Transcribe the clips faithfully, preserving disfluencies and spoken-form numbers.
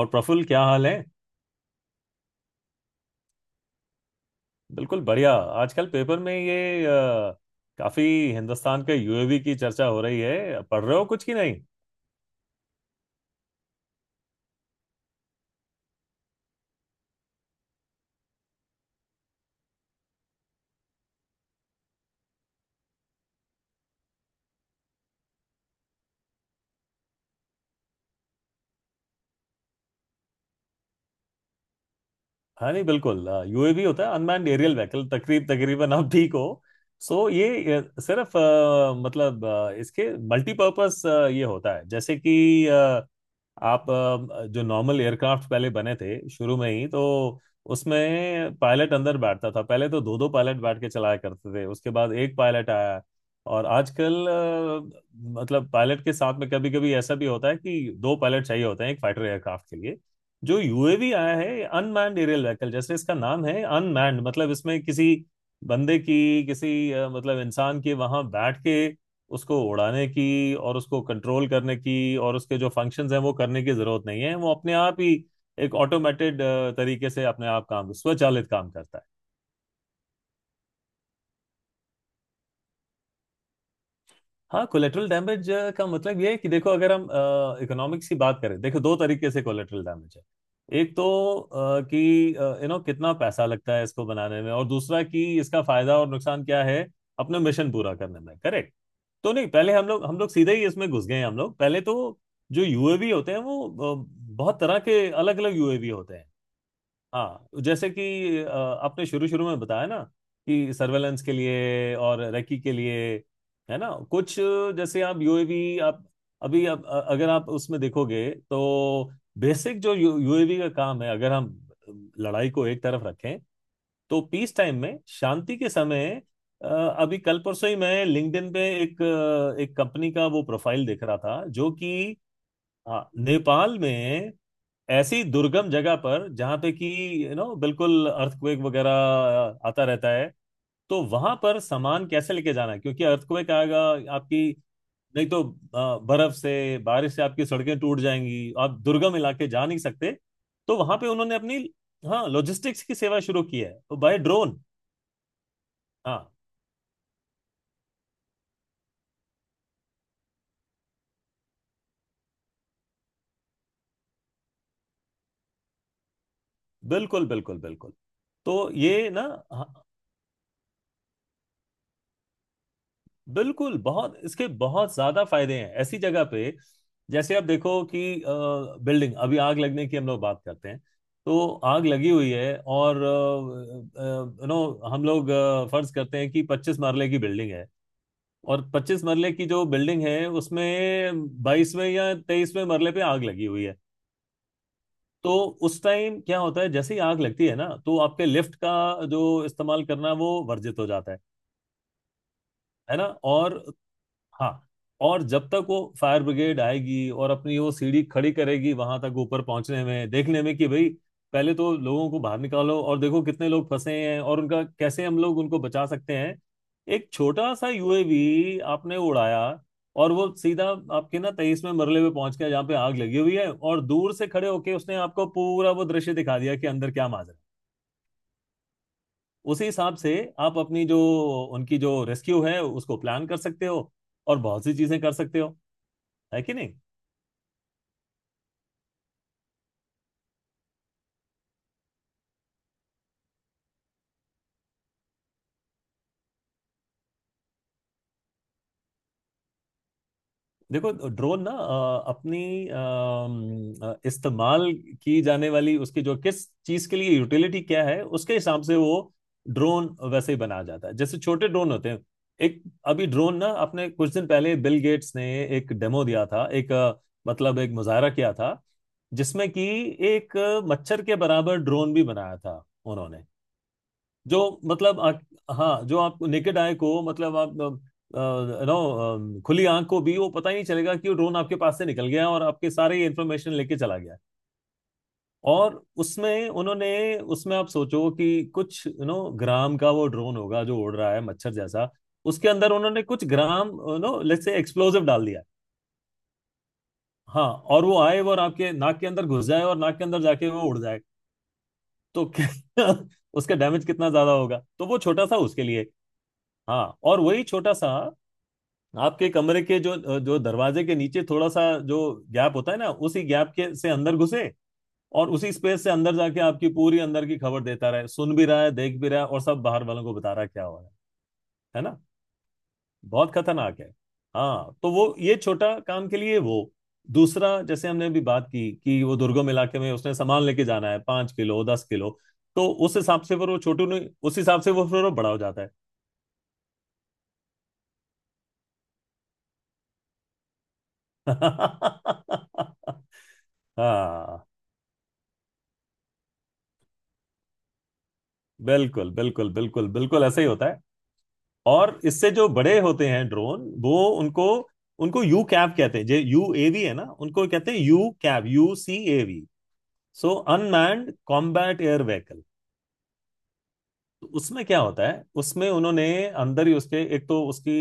और प्रफुल्ल, क्या हाल है? बिल्कुल बढ़िया। आजकल पेपर में ये अ, काफी हिंदुस्तान के यू ए वी की चर्चा हो रही है। पढ़ रहे हो कुछ की नहीं? हाँ, नहीं बिल्कुल। यूएवी होता है अनमैन्ड एरियल व्हीकल। तकरीब तकरीबन आप ठीक हो। सो ये अ, सिर्फ अ, मतलब अ, इसके मल्टीपर्पस ये होता है, जैसे कि आप अ, जो नॉर्मल एयरक्राफ्ट पहले बने थे शुरू में ही तो। उसमें पायलट अंदर बैठता था। पहले तो दो दो पायलट बैठ के चलाया करते थे, उसके बाद एक पायलट आया। और आजकल अ, मतलब पायलट के साथ में कभी कभी ऐसा भी होता है कि दो पायलट चाहिए होते हैं, एक फाइटर एयरक्राफ्ट के लिए। जो यूएवी आया है अनमैन्ड एरियल व्हीकल, जैसे इसका नाम है अनमैन्ड, मतलब इसमें किसी बंदे की, किसी अ, मतलब इंसान की वहां बैठ के उसको उड़ाने की और उसको कंट्रोल करने की और उसके जो फंक्शंस हैं वो करने की जरूरत नहीं है। वो अपने आप ही एक ऑटोमेटेड तरीके से अपने आप काम, स्वचालित काम करता है। हाँ, कोलेटरल डैमेज का मतलब ये है कि देखो, अगर हम इकोनॉमिक्स की बात करें, देखो, दो तरीके से कोलेटरल डैमेज है। एक तो अ, कि यू नो कितना पैसा लगता है इसको बनाने में, और दूसरा कि इसका फायदा और नुकसान क्या है, अपने मिशन पूरा करने में। करेक्ट। तो नहीं, पहले हम लोग हम लोग सीधे ही इसमें घुस गए हैं। हम लोग पहले तो जो यूएवी होते हैं वो अ, बहुत तरह के अलग अलग यूएवी होते हैं। हाँ, जैसे कि अ, आपने शुरू शुरू में बताया ना, कि सर्वेलेंस के लिए और रेकी के लिए, है ना? कुछ जैसे आप यूएवी, आप अभी आप अ- अगर आप उसमें देखोगे तो बेसिक जो यूएवी का काम है, अगर हम लड़ाई को एक तरफ रखें, तो पीस टाइम में, शांति के समय अ, अभी कल परसों ही मैं लिंक्डइन पे एक अ, एक कंपनी का वो प्रोफाइल देख रहा था, जो कि अ, नेपाल में ऐसी दुर्गम जगह पर जहां पे कि यू नो बिल्कुल अर्थक्वेक वगैरह आता रहता है। तो वहां पर सामान कैसे लेके जाना है? क्योंकि अर्थक्वेक आएगा, आपकी, नहीं तो अ, बर्फ से, बारिश से आपकी सड़कें टूट जाएंगी, आप दुर्गम इलाके जा नहीं सकते। तो वहां पे उन्होंने अपनी, हाँ, लॉजिस्टिक्स की सेवा शुरू की है, तो बाय ड्रोन। हाँ, बिल्कुल बिल्कुल बिल्कुल, तो ये ना, हाँ, बिल्कुल बहुत, इसके बहुत ज्यादा फायदे हैं ऐसी जगह पे। जैसे आप देखो कि अ, बिल्डिंग, अभी आग लगने की हम लोग बात करते हैं, तो आग लगी हुई है, और यू नो हम लोग अ, फर्ज करते हैं कि पच्चीस मरले की बिल्डिंग है, और पच्चीस मरले की जो बिल्डिंग है उसमें बाईसवें या तेईसवें मरले पे आग लगी हुई है। तो उस टाइम क्या होता है? जैसे ही आग लगती है ना, तो आपके लिफ्ट का जो इस्तेमाल करना है, वो वर्जित हो जाता है है ना। और हाँ, और जब तक वो फायर ब्रिगेड आएगी और अपनी वो सीढ़ी खड़ी करेगी, वहां तक ऊपर पहुंचने में, देखने में कि भाई, पहले तो लोगों को बाहर निकालो और देखो कितने लोग फंसे हैं और उनका कैसे, हम लोग उनको बचा सकते हैं। एक छोटा सा यूएवी आपने उड़ाया और वो सीधा आपके ना तेईसवें मरले पे पहुंच गया, जहाँ पे आग लगी हुई है, और दूर से खड़े होके उसने आपको पूरा वो दृश्य दिखा दिया कि अंदर क्या माजरा है। उसी हिसाब से आप अपनी जो, उनकी जो रेस्क्यू है उसको प्लान कर सकते हो और बहुत सी चीजें कर सकते हो, है कि नहीं। देखो, ड्रोन ना अ, अपनी अम, अ, इस्तेमाल की जाने वाली उसकी जो, किस चीज के लिए यूटिलिटी क्या है, उसके हिसाब से वो ड्रोन वैसे ही बनाया जाता है, जैसे छोटे ड्रोन होते हैं। एक, अभी ड्रोन ना, अपने कुछ दिन पहले बिल गेट्स ने एक डेमो दिया था, एक अ, मतलब एक मुजाहरा किया था, जिसमें कि एक अ, मच्छर के बराबर ड्रोन भी बनाया था उन्होंने, जो मतलब आ, हाँ, जो आप नेकेड आई को मतलब आप अ, नो अ, खुली आंख को भी वो पता ही नहीं चलेगा कि वो ड्रोन आपके पास से निकल गया और आपके सारे इंफॉर्मेशन लेके चला गया। और उसमें उन्होंने, उसमें आप सोचो कि कुछ यू नो ग्राम का वो ड्रोन होगा जो उड़ रहा है मच्छर जैसा, उसके अंदर उन्होंने कुछ gram you know let's say explosive डाल दिया, हाँ, और वो आए और आपके नाक के अंदर घुस जाए और नाक के अंदर जाके वो उड़ जाए। तो क्या- उसका डैमेज कितना ज्यादा होगा, तो वो छोटा सा उसके लिए। हाँ, और वही छोटा सा आपके कमरे के जो जो दरवाजे के नीचे थोड़ा सा जो गैप होता है ना, उसी गैप के से अंदर घुसे, और उसी स्पेस से अंदर जाके आपकी पूरी अंदर की खबर देता रहे, सुन भी रहा है, देख भी रहा है, और सब बाहर वालों को बता रहा है क्या हो रहा है है ना, बहुत खतरनाक है। हाँ, तो वो ये छोटा काम के लिए वो, दूसरा जैसे हमने अभी बात की कि वो दुर्गम इलाके में उसने सामान लेके जाना है, पांच किलो, दस किलो, तो उस हिसाब से फिर वो छोटू नहीं, उस हिसाब से वो फिर वो बड़ा हो जाता है। हाँ, बिल्कुल बिल्कुल बिल्कुल बिल्कुल ऐसा ही होता है। और इससे जो बड़े होते हैं ड्रोन, वो उनको उनको यू कैव कहते हैं। जो यू ए वी है ना, उनको कहते हैं UCAV, U C AV. So unmanned combat air vehicle. उसमें क्या होता है, उसमें उन्होंने अंदर ही उसके, एक तो उसकी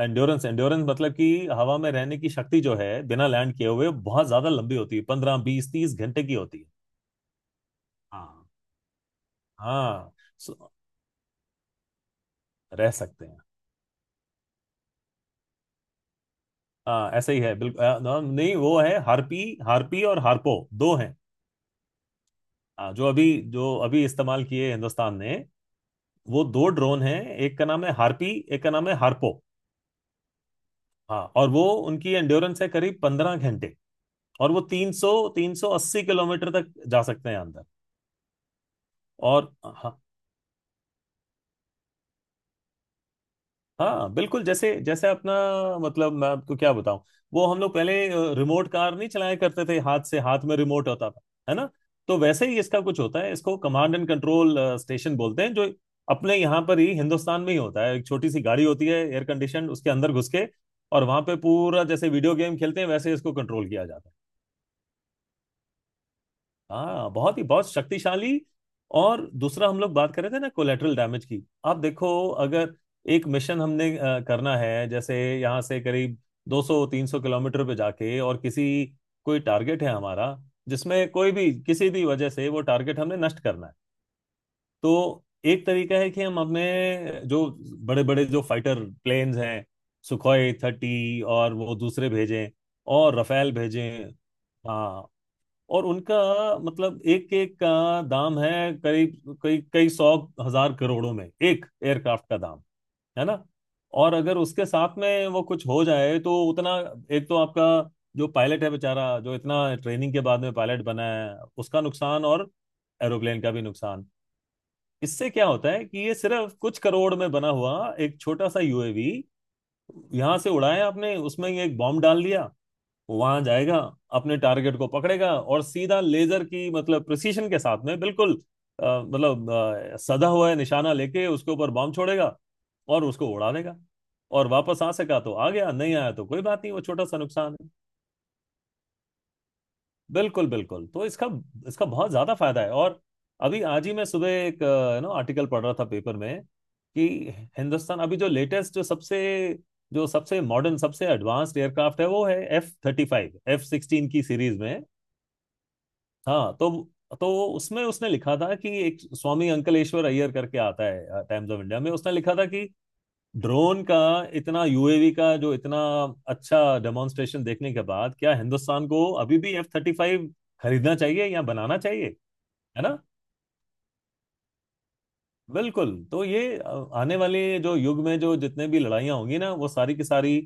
एंड्योरेंस एंड्योरेंस मतलब कि हवा में रहने की शक्ति जो है, बिना लैंड किए हुए बहुत ज्यादा लंबी होती है, पंद्रह बीस तीस घंटे की होती है। हाँ हाँ। so, रह सकते हैं। हाँ, ऐसे ही है बिल्कुल। आ, ना- नहीं, वो है हार्पी हार्पी और हार्पो। दो हैं। हाँ, जो अभी जो अभी इस्तेमाल किए हिंदुस्तान ने, वो दो ड्रोन हैं। एक का नाम है हार्पी, एक का नाम है हार्पो। हाँ, और वो उनकी एंड्योरेंस है करीब पंद्रह घंटे। और वो तीन सौ, तीन सौ अस्सी किलोमीटर तक जा सकते हैं अंदर। और हाँ, हाँ बिल्कुल। जैसे जैसे अपना, मतलब मैं आपको क्या बताऊं, वो हम लोग पहले अ, रिमोट कार नहीं चलाया करते थे, हाथ से, हाथ में रिमोट होता था, है ना। तो वैसे ही इसका कुछ होता है, इसको कमांड एंड कंट्रोल स्टेशन बोलते हैं, जो अपने यहाँ पर ही, हिंदुस्तान में ही होता है। एक छोटी सी गाड़ी होती है एयर कंडीशन, उसके अंदर घुस के, और वहां पे पूरा जैसे वीडियो गेम खेलते हैं वैसे इसको कंट्रोल किया जाता है। हाँ, बहुत ही, बहुत शक्तिशाली। और दूसरा हम लोग बात कर रहे थे ना कोलेटरल डैमेज की, आप देखो, अगर एक मिशन हमने अ, करना है, जैसे यहाँ से करीब दो सौ तीन सौ किलोमीटर पे जाके, और किसी, कोई टारगेट है हमारा, जिसमें कोई भी, किसी भी वजह से वो टारगेट हमने नष्ट करना है, तो एक तरीका है कि हम अपने जो बड़े बड़े जो फाइटर प्लेन्स हैं, सुखोई थर्टी और वो दूसरे भेजें, और रफेल भेजें। हाँ, और उनका मतलब एक एक का दाम है करीब कई कई सौ, हजार करोड़ों में एक एयरक्राफ्ट का दाम, है ना। और अगर उसके साथ में वो कुछ हो जाए तो उतना, एक तो आपका जो पायलट है बेचारा, जो इतना ट्रेनिंग के बाद में पायलट बना है, उसका नुकसान, और एरोप्लेन का भी नुकसान। इससे क्या होता है कि ये सिर्फ कुछ करोड़ में बना हुआ एक छोटा सा यूएवी यहाँ से उड़ाया आपने, उसमें ये एक बॉम्ब डाल दिया, वहां जाएगा, अपने टारगेट को पकड़ेगा और सीधा लेजर की, मतलब प्रिसीशन के साथ में, बिल्कुल अ, मतलब अ, सधा हुआ है, निशाना लेके उसके ऊपर बम छोड़ेगा और उसको उड़ा देगा। और वापस आ सका तो आ गया, नहीं आया तो कोई बात नहीं, वो छोटा सा नुकसान है। बिल्कुल बिल्कुल। तो इसका इसका बहुत ज्यादा फायदा है। और अभी आज ही मैं सुबह एक अ, ना आर्टिकल पढ़ रहा था पेपर में, कि हिंदुस्तान अभी जो लेटेस्ट, जो सबसे जो सबसे मॉडर्न, सबसे एडवांस्ड एयरक्राफ्ट है वो है F thirty five, F sixteen की सीरीज में। हाँ, तो तो उसमें उसने लिखा था कि एक स्वामी अंकलेश्वर अय्यर करके आता है टाइम्स ऑफ इंडिया में, उसने लिखा था कि ड्रोन का इतना, यूएवी का जो इतना अच्छा डेमोन्स्ट्रेशन देखने के बाद क्या हिंदुस्तान को अभी भी एफ थर्टी फाइव खरीदना चाहिए या बनाना चाहिए, है ना। बिल्कुल। तो ये अ, आने वाले जो युग में, जो जितने भी लड़ाइयाँ होंगी ना, वो सारी की सारी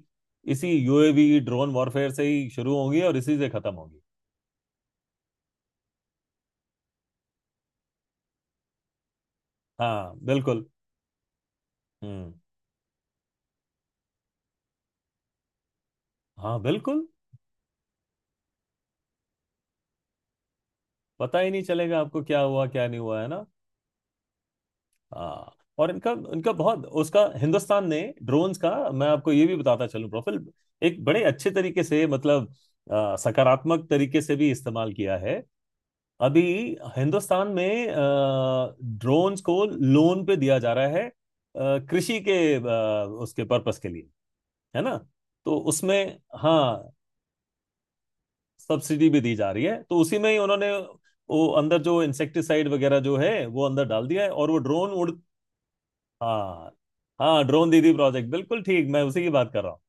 इसी यूएवी ड्रोन वॉरफेयर से ही शुरू होंगी और इसी से खत्म होंगी। हाँ बिल्कुल। हम्म। हाँ बिल्कुल। पता ही नहीं चलेगा आपको क्या हुआ क्या नहीं हुआ, है ना। हाँ, और इनका इनका बहुत, उसका हिंदुस्तान ने, ड्रोन्स का, मैं आपको ये भी बताता चलूं प्रोफिल, एक बड़े अच्छे तरीके से, मतलब अ, सकारात्मक तरीके से भी इस्तेमाल किया है। अभी हिंदुस्तान में ड्रोन्स को लोन पे दिया जा रहा है अ, कृषि के अ, उसके पर्पस के लिए, है ना। तो उसमें, हाँ, सब्सिडी भी दी जा रही है, तो उसी में ही उन्होंने वो अंदर जो इंसेक्टिसाइड वगैरह जो है वो अंदर डाल दिया है, और वो ड्रोन उड़। हाँ हाँ, ड्रोन दीदी प्रोजेक्ट, बिल्कुल ठीक, मैं उसी की बात कर रहा हूँ।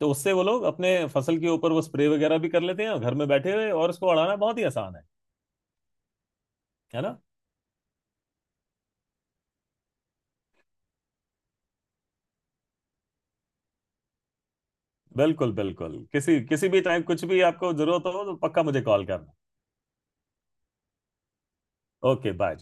तो उससे वो लोग अपने फसल के ऊपर वो स्प्रे वगैरह भी कर लेते हैं, और घर में बैठे हुए, और उसको उड़ाना बहुत ही आसान है है ना। बिल्कुल बिल्कुल, किसी किसी भी टाइम कुछ भी आपको जरूरत हो तो पक्का मुझे कॉल करना। Okay, bye.